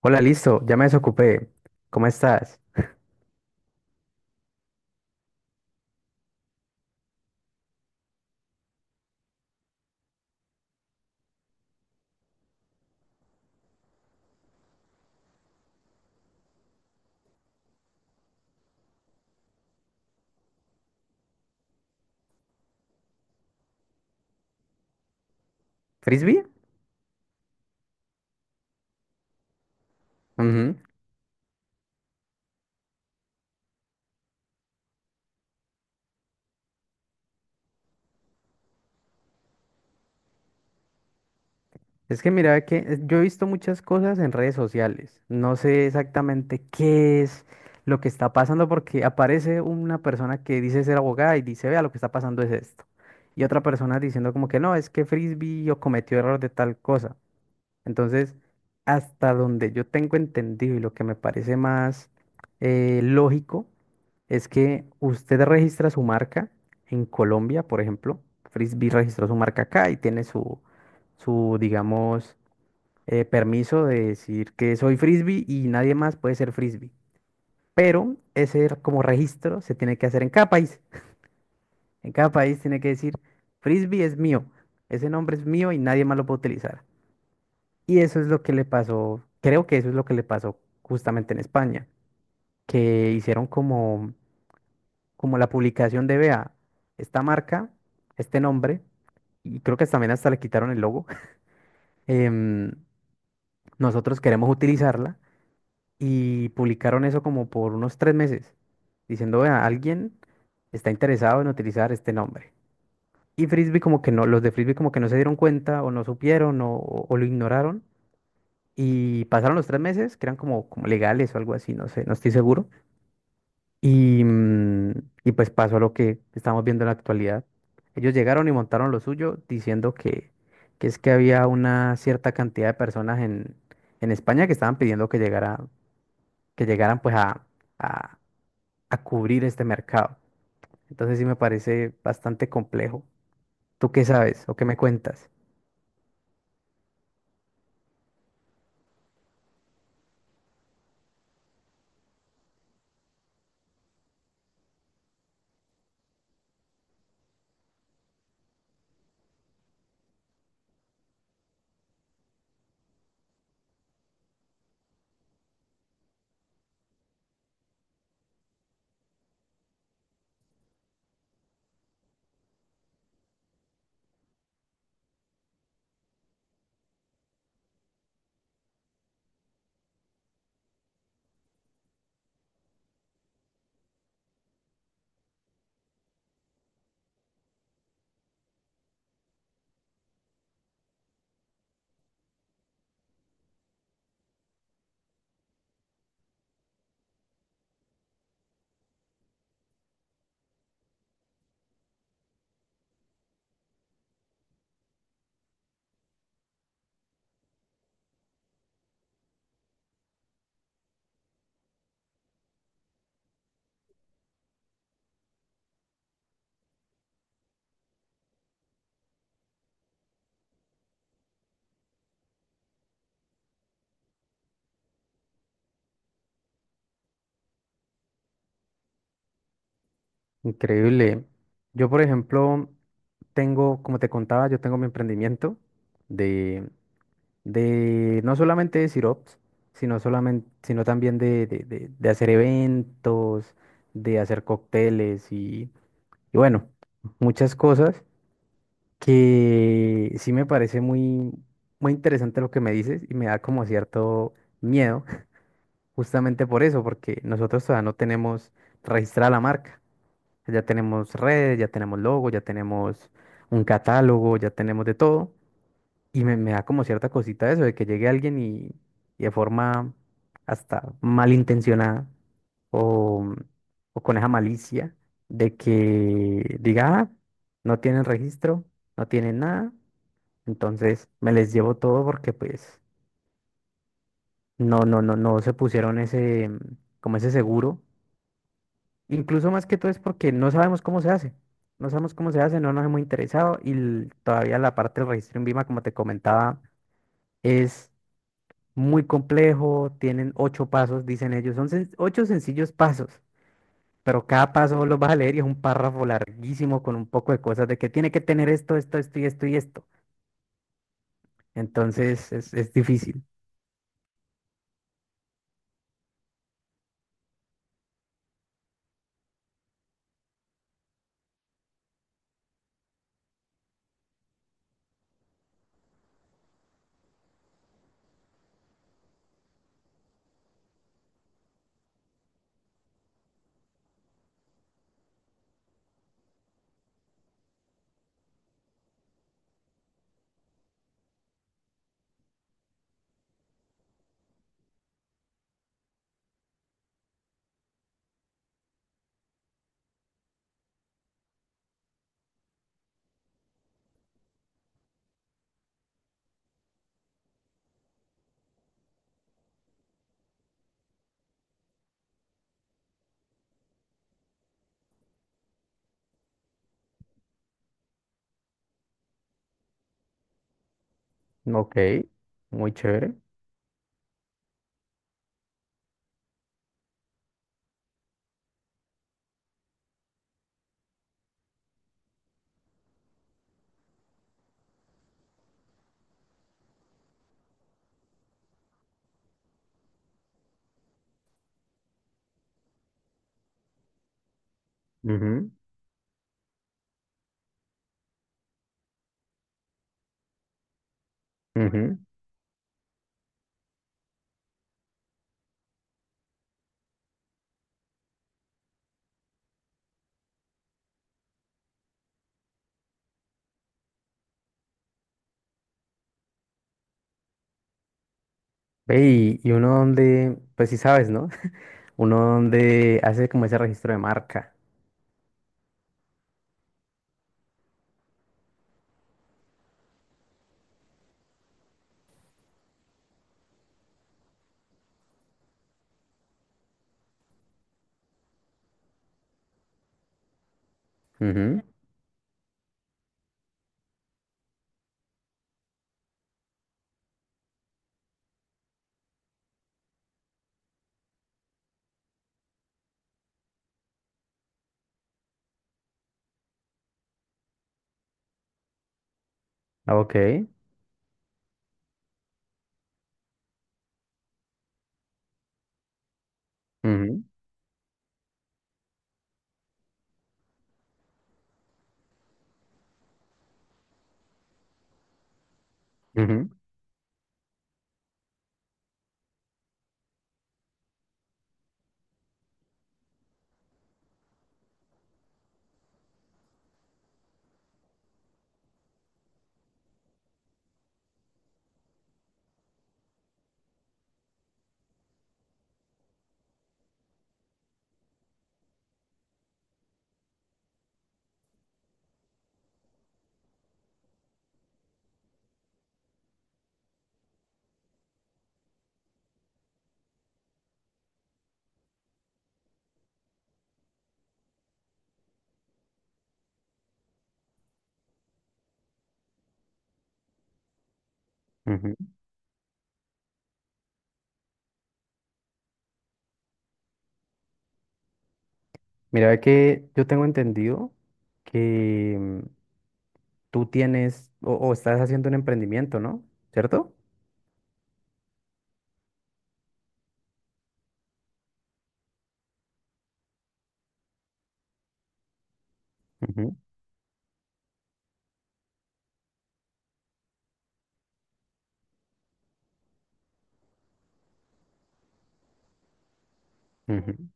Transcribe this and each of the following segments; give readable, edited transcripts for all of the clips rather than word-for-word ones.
Hola, listo, ya me desocupé. ¿Cómo estás? ¿Frisbee? Ujú. Es que mira que yo he visto muchas cosas en redes sociales. No sé exactamente qué es lo que está pasando porque aparece una persona que dice ser abogada y dice, vea, lo que está pasando es esto. Y otra persona diciendo como que no, es que Frisbee o cometió error de tal cosa. Entonces, hasta donde yo tengo entendido y lo que me parece más lógico. Es que usted registra su marca en Colombia, por ejemplo. Frisbee registró su marca acá y tiene su, digamos, permiso de decir que soy Frisbee y nadie más puede ser Frisbee. Pero como registro se tiene que hacer en cada país. En cada país tiene que decir, Frisbee es mío, ese nombre es mío y nadie más lo puede utilizar. Y eso es lo que le pasó, creo que eso es lo que le pasó justamente en España, que hicieron como la publicación de, vea, esta marca, este nombre, y creo que también hasta le quitaron el logo, em, nosotros queremos utilizarla y publicaron eso como por unos 3 meses, diciendo, vea, alguien está interesado en utilizar este nombre. Y Frisbee como que no, los de Frisbee como que no se dieron cuenta o no supieron o lo ignoraron. Y pasaron los 3 meses, que eran como, como legales o algo así, no sé, no estoy seguro. Y, mm, y pues pasó lo que estamos viendo en la actualidad. Ellos llegaron y montaron lo suyo diciendo que es que había una cierta cantidad de personas en España que estaban pidiendo que llegara, que llegaran pues a, a cubrir este mercado. Entonces sí me parece bastante complejo. ¿Tú qué sabes o qué me cuentas? Increíble. Yo, por ejemplo, tengo, como te contaba, yo tengo mi emprendimiento de no solamente de sirops, sino también de, de hacer eventos, de hacer cócteles y bueno, muchas cosas que sí me parece muy, muy interesante lo que me dices y me da como cierto miedo, justamente por eso, porque nosotros todavía no tenemos registrada la marca. Ya tenemos redes, ya tenemos logo, ya tenemos un catálogo, ya tenemos de todo y me da como cierta cosita eso, de que llegue alguien y de forma hasta malintencionada o, o con esa malicia de que diga, "Ah, no tienen registro, no tienen nada, entonces me les llevo todo porque pues no se pusieron ese, como ese seguro". Incluso más que todo es porque no sabemos cómo se hace, no sabemos cómo se hace, no nos hemos interesado y todavía la parte del registro en Vima, como te comentaba, es... muy complejo, tienen ocho pasos, dicen ellos, son ocho sencillos pasos, pero cada paso vos lo vas a leer y es un párrafo larguísimo con un poco de cosas de que tiene que tener esto, esto, esto y esto y esto. Entonces es difícil. Ok, muy chévere. Ujú, ujú. Ve, y uno donde, pues sí sabes, ¿no? Uno donde hace como ese registro de marca. Ujú. Ok. Ujú, ujú, ujú. Mira ve que yo tengo entendido que tú tienes o estás haciendo un emprendimiento, ¿no? ¿Cierto? Ujú, ujú,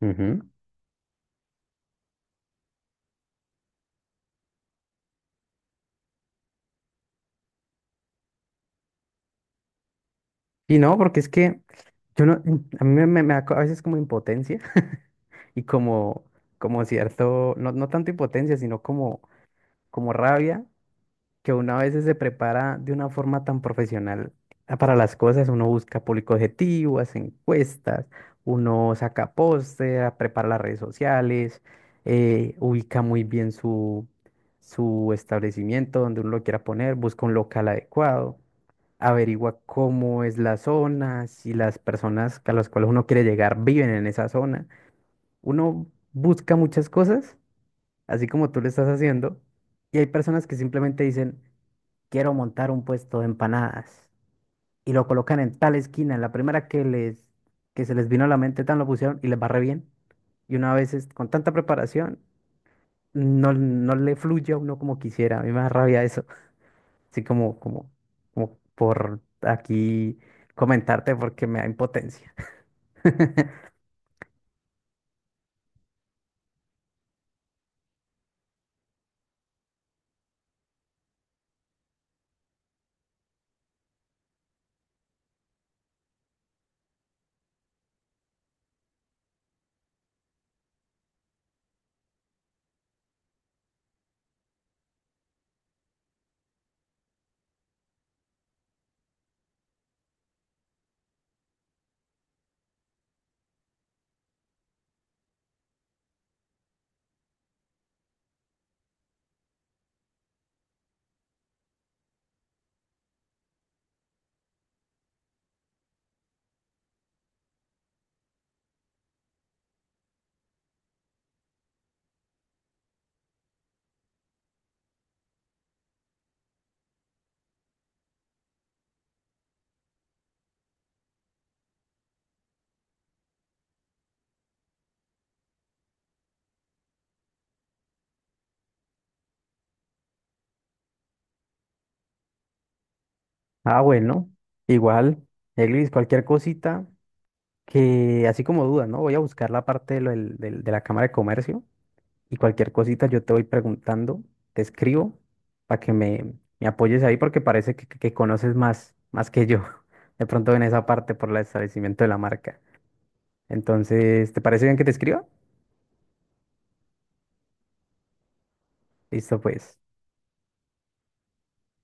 ujú. Y no, porque es que yo no, a mí me, me da a veces como impotencia y como, como cierto, no, no tanto impotencia, sino como, como rabia que uno a veces se prepara de una forma tan profesional para las cosas, uno busca público objetivo, hace encuestas, uno saca póster, prepara las redes sociales, ubica muy bien su, su establecimiento donde uno lo quiera poner, busca un local adecuado, averigua cómo es la zona, si las personas a las cuales uno quiere llegar viven en esa zona. Uno busca muchas cosas, así como tú lo estás haciendo, y hay personas que simplemente dicen, quiero montar un puesto de empanadas. Y lo colocan en tal esquina, en la primera que les, que se les vino a la mente, tan lo pusieron y les va re bien. Y con tanta preparación, no, no le fluye a uno como quisiera. A mí me da rabia eso. Así como, como, como por aquí comentarte porque me da impotencia. Ah, bueno, igual, Eglis, cualquier cosita que, así como dudas, ¿no? Voy a buscar la parte de, lo de la Cámara de Comercio. Y cualquier cosita yo te voy preguntando, te escribo para que me apoyes ahí porque parece que, que conoces más, más que yo, de pronto en esa parte por el establecimiento de la marca. Entonces, ¿te parece bien que te escriba? Listo, pues.